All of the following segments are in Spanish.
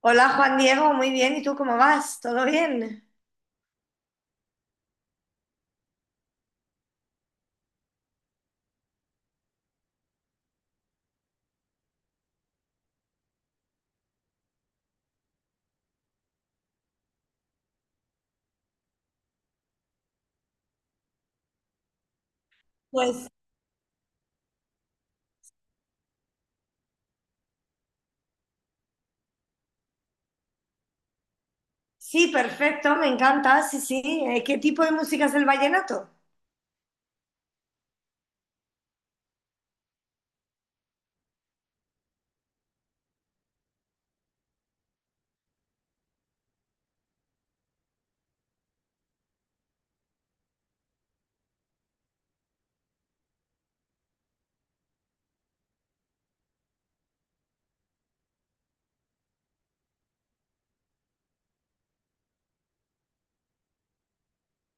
Hola Juan Diego, muy bien. ¿Y tú cómo vas? ¿Todo bien? Pues sí, perfecto, me encanta. Sí, sí. ¿Qué tipo de música es el vallenato?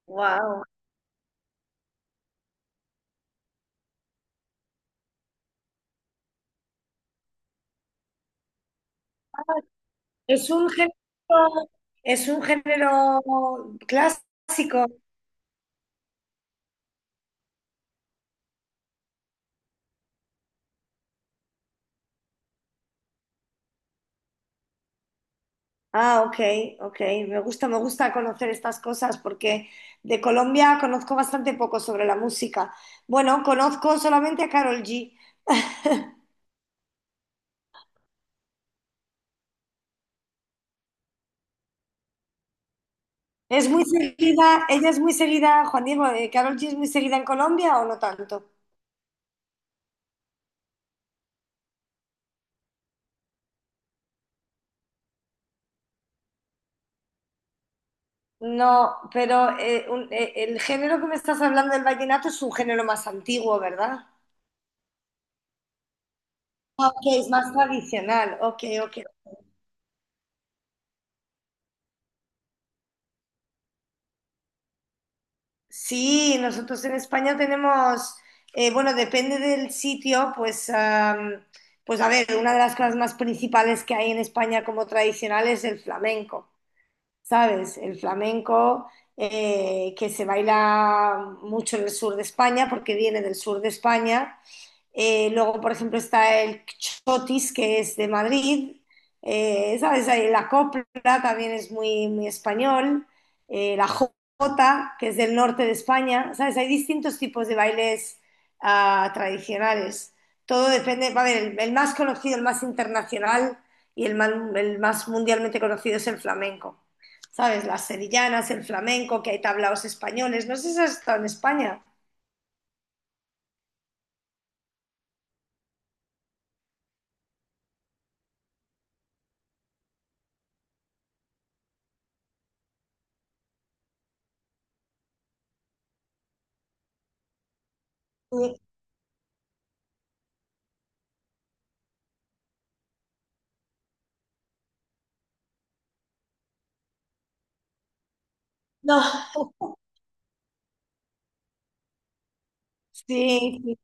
Wow. Es un género, es un género clásico. Ah, ok, ok. Me gusta conocer estas cosas porque de Colombia conozco bastante poco sobre la música. Bueno, conozco solamente a Carol G. Es muy seguida, ella es muy seguida, Juan Diego. ¿Carol G es muy seguida en Colombia o no tanto? No, pero el género que me estás hablando del vallenato es un género más antiguo, ¿verdad? Ah, ok, es más tradicional. Ok, ok. Sí, nosotros en España tenemos, bueno, depende del sitio, pues, pues a ver, una de las cosas más principales que hay en España como tradicional es el flamenco, ¿sabes? El flamenco que se baila mucho en el sur de España porque viene del sur de España. Luego, por ejemplo, está el Chotis, que es de Madrid. ¿Sabes? Ahí la copla también es muy, muy español. La jota, que es del norte de España. ¿Sabes? Hay distintos tipos de bailes tradicionales. Todo depende. A ver, el más conocido, el más internacional y el más mundialmente conocido es el flamenco. ¿Sabes? Las sevillanas, el flamenco, que hay tablaos españoles. No sé si has estado en España. Sí. No, sí, sí.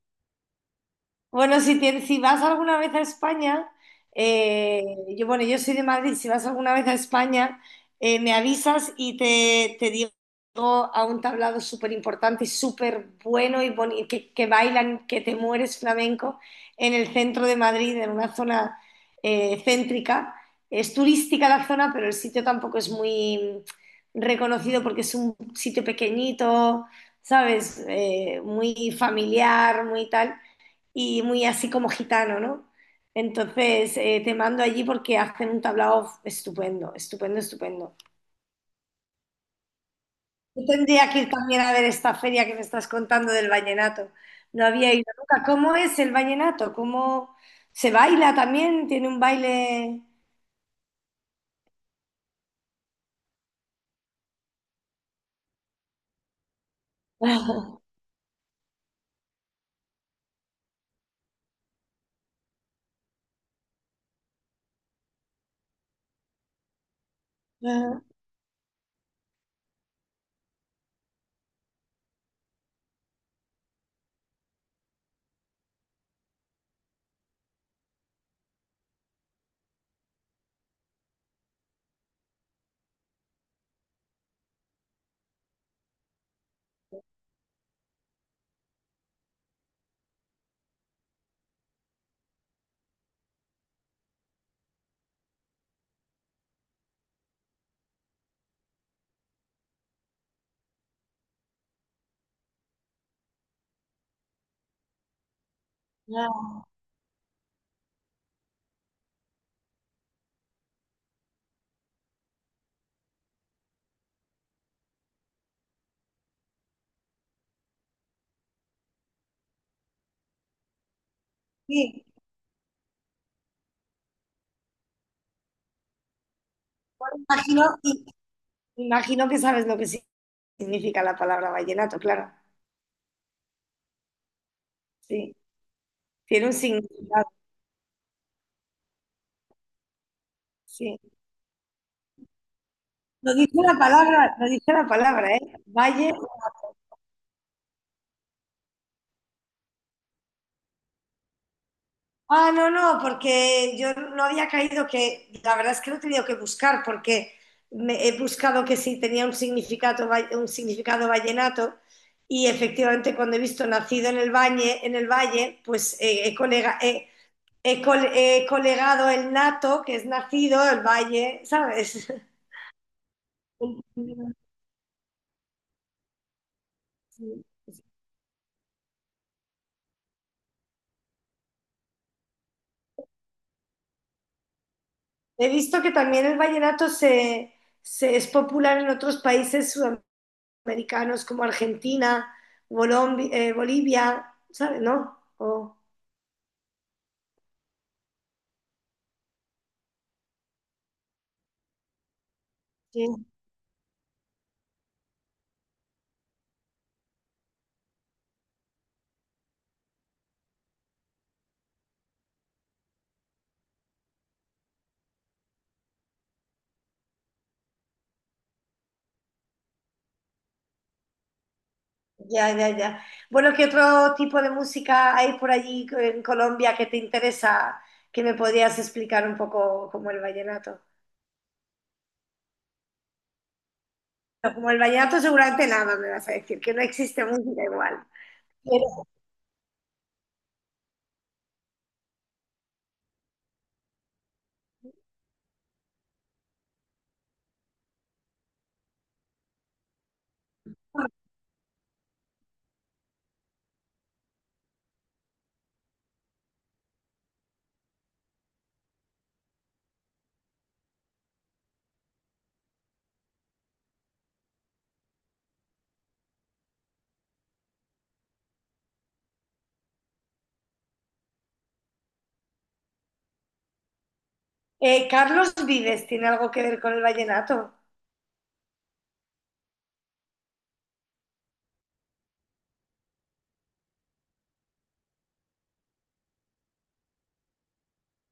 Bueno, si vas alguna vez a España, eh, yo, bueno, yo soy de Madrid, si vas alguna vez a España, me avisas y te digo a un tablado súper importante y súper bueno y que bailan, que te mueres flamenco en el centro de Madrid, en una zona céntrica. Es turística la zona, pero el sitio tampoco es muy reconocido porque es un sitio pequeñito, ¿sabes? Muy familiar, muy tal y muy así como gitano, ¿no? Entonces te mando allí porque hacen un tablao estupendo, estupendo, estupendo. Yo tendría que ir también a ver esta feria que me estás contando del vallenato. No había ido nunca. ¿Cómo es el vallenato? ¿Cómo se baila también? ¿Tiene un baile? Sí, bueno, imagino, imagino que sabes lo que significa la palabra vallenato, claro. Sí, tiene un significado, sí. Lo dice la palabra, lo dice la palabra, ¿eh? Valle. Ah, no, no, porque yo no había caído que, la verdad es que lo he tenido que buscar porque he buscado que si tenía un significado, un significado vallenato y efectivamente cuando he visto nacido en el valle, pues he, colega, he colegado el nato, que es nacido, el valle, ¿sabes? He visto que también el vallenato se es popular en otros países americanos como Argentina, Bolivia, ¿sabes? ¿No? O sí, ya, ya, ya. Bueno, ¿qué otro tipo de música hay por allí en Colombia que te interesa que me podías explicar un poco como el vallenato? No, como el vallenato seguramente nada me vas a decir, que no existe música igual. Pero, Carlos Vives tiene algo que ver con el vallenato.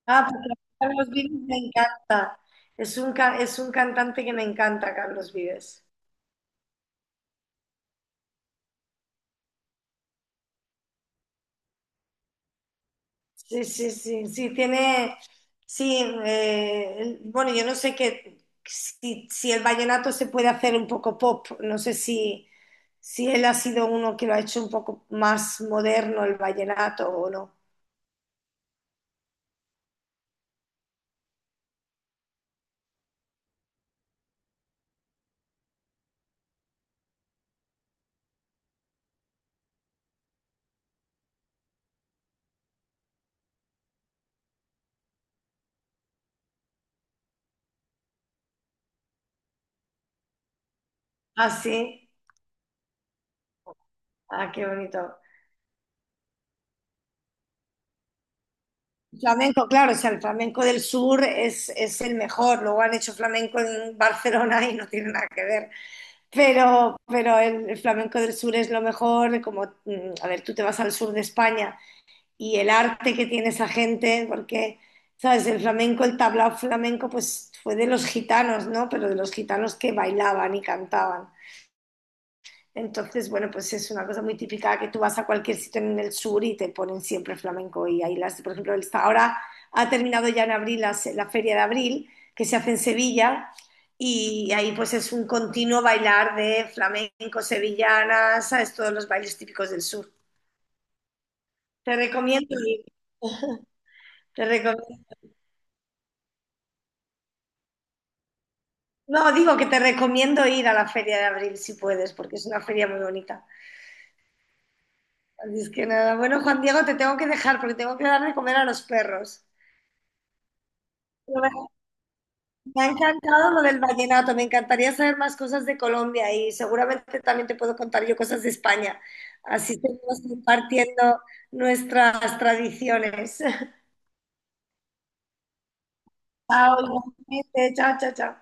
Ah, porque Carlos Vives me encanta. Es un, es un cantante que me encanta, Carlos Vives. Sí, sí, sí, sí, tiene, sí, bueno, yo no sé qué, si, si el vallenato se puede hacer un poco pop, no sé si, si él ha sido uno que lo ha hecho un poco más moderno el vallenato o no. Ah, sí, ah, qué bonito. Flamenco, claro, o sea, el flamenco del sur es el mejor, luego han hecho flamenco en Barcelona y no tiene nada que ver. Pero el flamenco del sur es lo mejor, como, mm, a ver, tú te vas al sur de España y el arte que tiene esa gente, porque, ¿sabes? El flamenco, el tablao flamenco, pues fue de los gitanos, ¿no? Pero de los gitanos que bailaban y cantaban. Entonces, bueno, pues es una cosa muy típica que tú vas a cualquier sitio en el sur y te ponen siempre flamenco. Y ahí las, por ejemplo, ahora ha terminado ya en abril la Feria de Abril, que se hace en Sevilla, y ahí pues es un continuo bailar de flamenco, sevillanas, ¿sabes? Todos los bailes típicos del sur. Te recomiendo ir, te recomiendo. No, digo que te recomiendo ir a la Feria de Abril si puedes, porque es una feria muy bonita. Así es que nada, bueno, Juan Diego, te tengo que dejar porque tengo que dar de comer a los perros. Pero me ha encantado lo del vallenato, me encantaría saber más cosas de Colombia y seguramente también te puedo contar yo cosas de España. Así seguimos compartiendo nuestras tradiciones. Chao, igualmente. Chao, chao, chao.